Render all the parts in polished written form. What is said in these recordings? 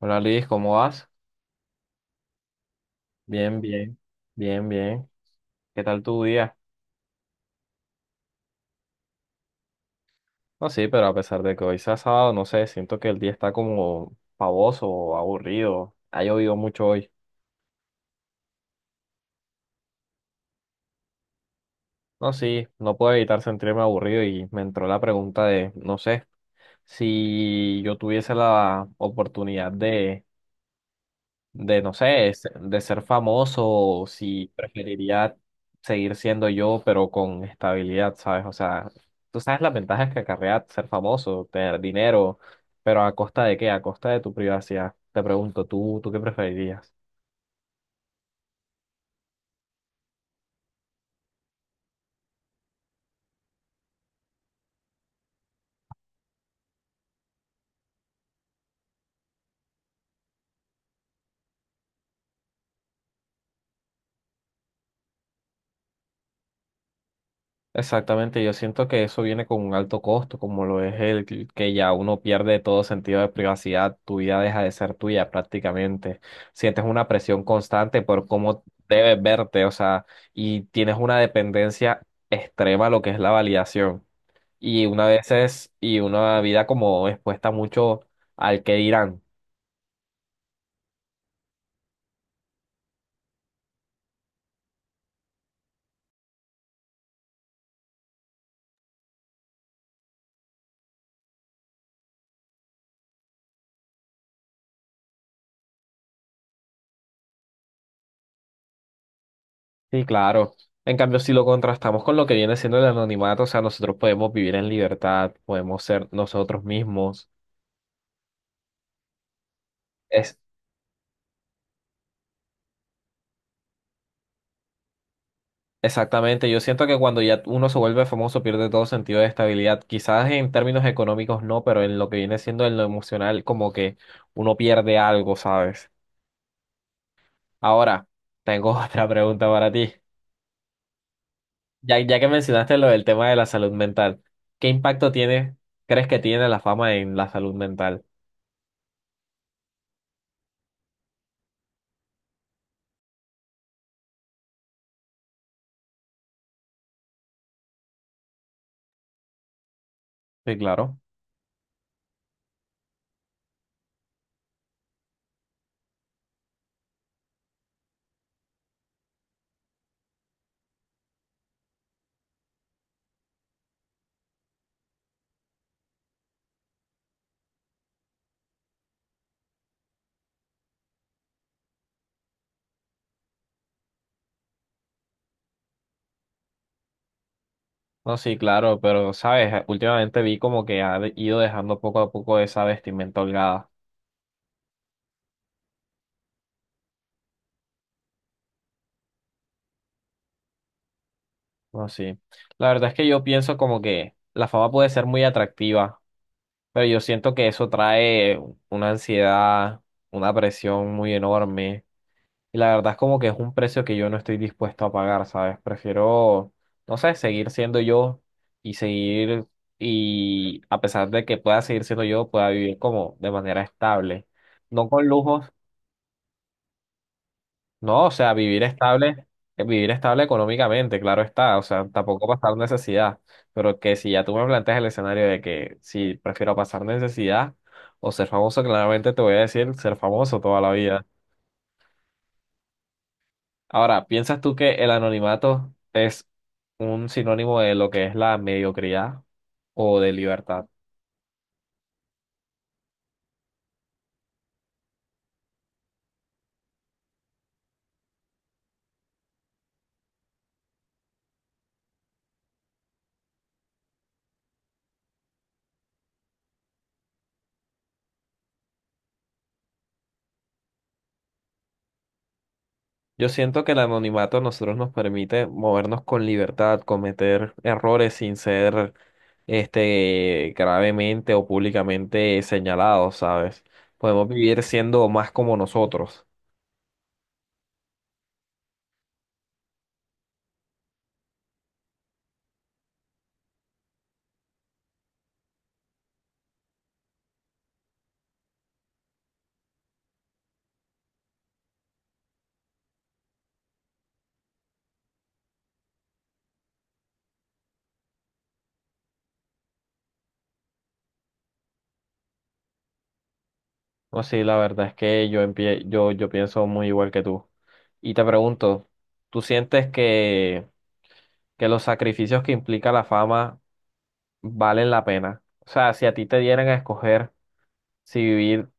Hola Liz, ¿cómo vas? Bien, bien, bien, bien. ¿Qué tal tu día? No, sí, pero a pesar de que hoy sea sábado, no sé, siento que el día está como pavoso, aburrido. Ha llovido mucho hoy. No, sí, no puedo evitar sentirme aburrido y me entró la pregunta de, no sé, si yo tuviese la oportunidad de no sé, de ser famoso, o si preferiría seguir siendo yo, pero con estabilidad, ¿sabes? O sea, tú sabes las ventajas que acarrea ser famoso, tener dinero, pero ¿a costa de qué? ¿A costa de tu privacidad? Te pregunto, ¿tú qué preferirías? Exactamente, yo siento que eso viene con un alto costo, como lo es el que ya uno pierde todo sentido de privacidad, tu vida deja de ser tuya prácticamente, sientes una presión constante por cómo debes verte, o sea, y tienes una dependencia extrema a lo que es la validación, y y una vida como expuesta mucho al que dirán. Sí, claro. En cambio, si lo contrastamos con lo que viene siendo el anonimato, o sea, nosotros podemos vivir en libertad, podemos ser nosotros mismos. Exactamente, yo siento que cuando ya uno se vuelve famoso pierde todo sentido de estabilidad, quizás en términos económicos no, pero en lo que viene siendo en lo emocional como que uno pierde algo, ¿sabes? Ahora, tengo otra pregunta para ti. Ya, ya que mencionaste lo del tema de la salud mental, ¿qué impacto tiene, crees que tiene la fama en la salud mental? Sí, claro. No, sí, claro, pero, ¿sabes? Últimamente vi como que ido dejando poco a poco esa vestimenta holgada. No, sí. La verdad es que yo pienso como que la fama puede ser muy atractiva, pero yo siento que eso trae una ansiedad, una presión muy enorme. Y la verdad es como que es un precio que yo no estoy dispuesto a pagar, ¿sabes? Prefiero, no sé, seguir siendo yo y seguir, y a pesar de que pueda seguir siendo yo, pueda vivir como de manera estable. No con lujos. No, o sea, vivir estable económicamente, claro está, o sea, tampoco pasar necesidad, pero que si ya tú me planteas el escenario de que si prefiero pasar necesidad o ser famoso, claramente te voy a decir ser famoso toda la vida. Ahora, ¿piensas tú que el anonimato es un sinónimo de lo que es la mediocridad o de libertad? Yo siento que el anonimato a nosotros nos permite movernos con libertad, cometer errores sin ser gravemente o públicamente señalados, ¿sabes? Podemos vivir siendo más como nosotros. No, sí, la verdad es que yo pienso muy igual que tú. Y te pregunto, ¿tú sientes que los sacrificios que implica la fama valen la pena? O sea, si a ti te dieran a escoger si vivir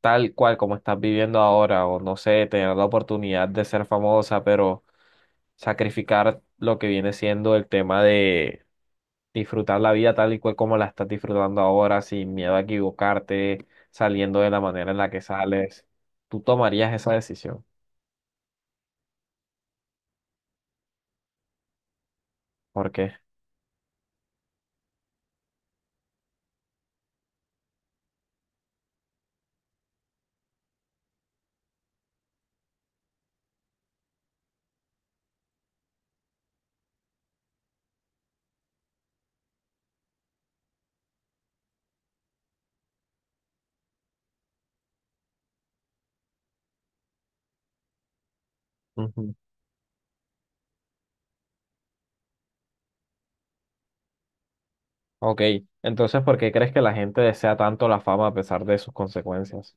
tal cual como estás viviendo ahora, o no sé, tener la oportunidad de ser famosa, pero sacrificar lo que viene siendo el tema de disfrutar la vida tal y cual como la estás disfrutando ahora, sin miedo a equivocarte, saliendo de la manera en la que sales, tú tomarías esa decisión. ¿Por qué? Ujú. Ok, entonces, ¿por qué crees que la gente desea tanto la fama a pesar de sus consecuencias?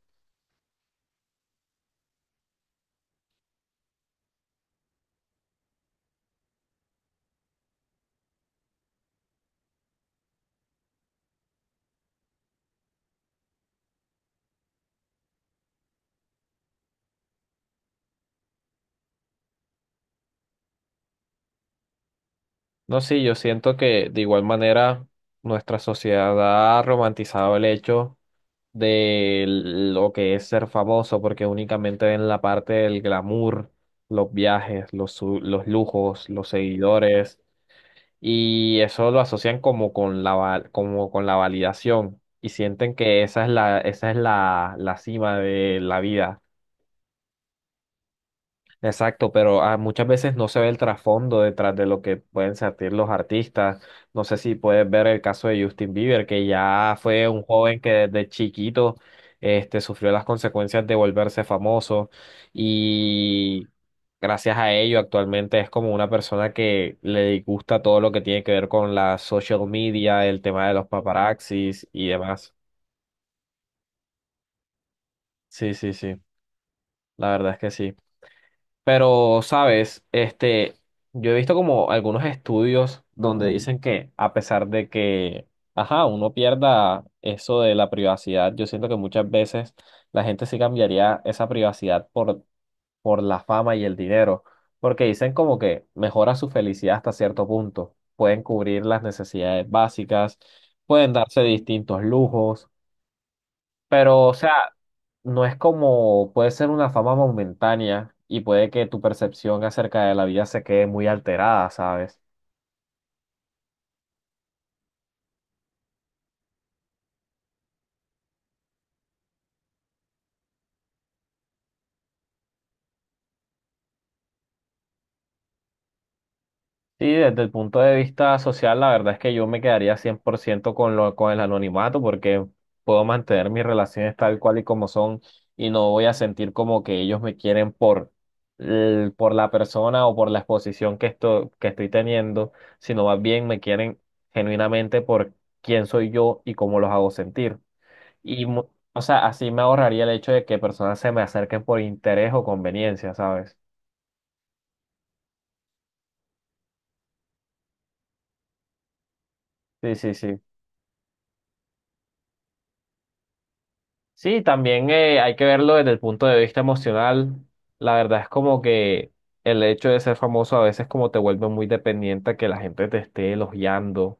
No, sí, yo siento que de igual manera nuestra sociedad ha romantizado el hecho de lo que es ser famoso, porque únicamente ven la parte del glamour, los viajes, los lujos, los seguidores, y eso lo asocian como con como con la validación y sienten que esa es la cima de la vida. Exacto, pero ah, muchas veces no se ve el trasfondo detrás de lo que pueden sentir los artistas. No sé si puedes ver el caso de Justin Bieber, que ya fue un joven que desde chiquito sufrió las consecuencias de volverse famoso y gracias a ello actualmente es como una persona que le disgusta todo lo que tiene que ver con la social media, el tema de los paparazzis y demás. Sí, sí, sí, la verdad es que sí. Pero, sabes, yo he visto como algunos estudios donde dicen que a pesar de que, ajá, uno pierda eso de la privacidad, yo siento que muchas veces la gente sí cambiaría esa privacidad por la fama y el dinero, porque dicen como que mejora su felicidad hasta cierto punto, pueden cubrir las necesidades básicas, pueden darse distintos lujos, pero, o sea, no es como, puede ser una fama momentánea y puede que tu percepción acerca de la vida se quede muy alterada, ¿sabes? Sí, desde el punto de vista social, la verdad es que yo me quedaría 100% con lo, con el anonimato porque puedo mantener mis relaciones tal cual y como son y no voy a sentir como que ellos me quieren por, por la persona o por la exposición que, esto, que estoy teniendo, sino más bien me quieren genuinamente por quién soy yo y cómo los hago sentir. Y, o sea, así me ahorraría el hecho de que personas se me acerquen por interés o conveniencia, ¿sabes? Sí, sí, sí. Sí, también hay que verlo desde el punto de vista emocional. La verdad es como que el hecho de ser famoso a veces como te vuelve muy dependiente a que la gente te esté elogiando.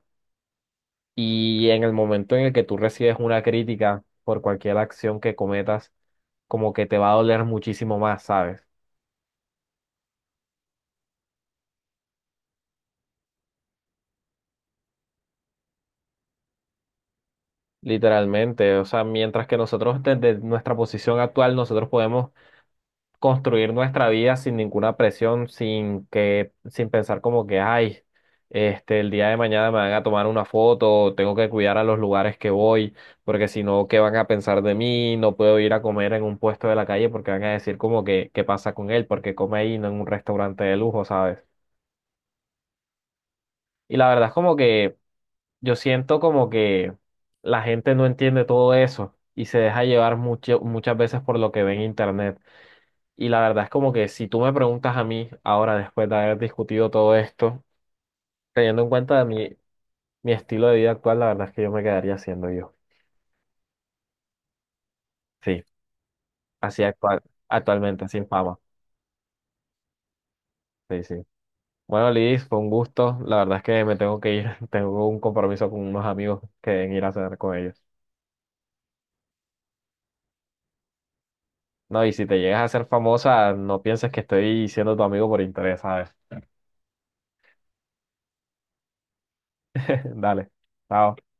Y en el momento en el que tú recibes una crítica por cualquier acción que cometas, como que te va a doler muchísimo más, ¿sabes? Literalmente, o sea, mientras que nosotros desde nuestra posición actual, nosotros podemos construir nuestra vida sin ninguna presión, sin que, sin pensar como que, ay, el día de mañana me van a tomar una foto, tengo que cuidar a los lugares que voy, porque si no, ¿qué van a pensar de mí? No puedo ir a comer en un puesto de la calle porque van a decir como que, ¿qué pasa con él? Porque come ahí, no en un restaurante de lujo, ¿sabes? Y la verdad es como que yo siento como que la gente no entiende todo eso y se deja llevar muchas veces por lo que ve en internet. Y la verdad es como que si tú me preguntas a mí ahora, después de haber discutido todo esto, teniendo en cuenta mi estilo de vida actual, la verdad es que yo me quedaría siendo yo. Sí, así actual, actualmente, sin fama. Sí, sí. Bueno, Liz, fue un gusto. La verdad es que me tengo que ir. Tengo un compromiso con unos amigos que deben ir a cenar con ellos. No, y si te llegas a ser famosa, no pienses que estoy siendo tu amigo por interés, ¿sabes? Dale, chao.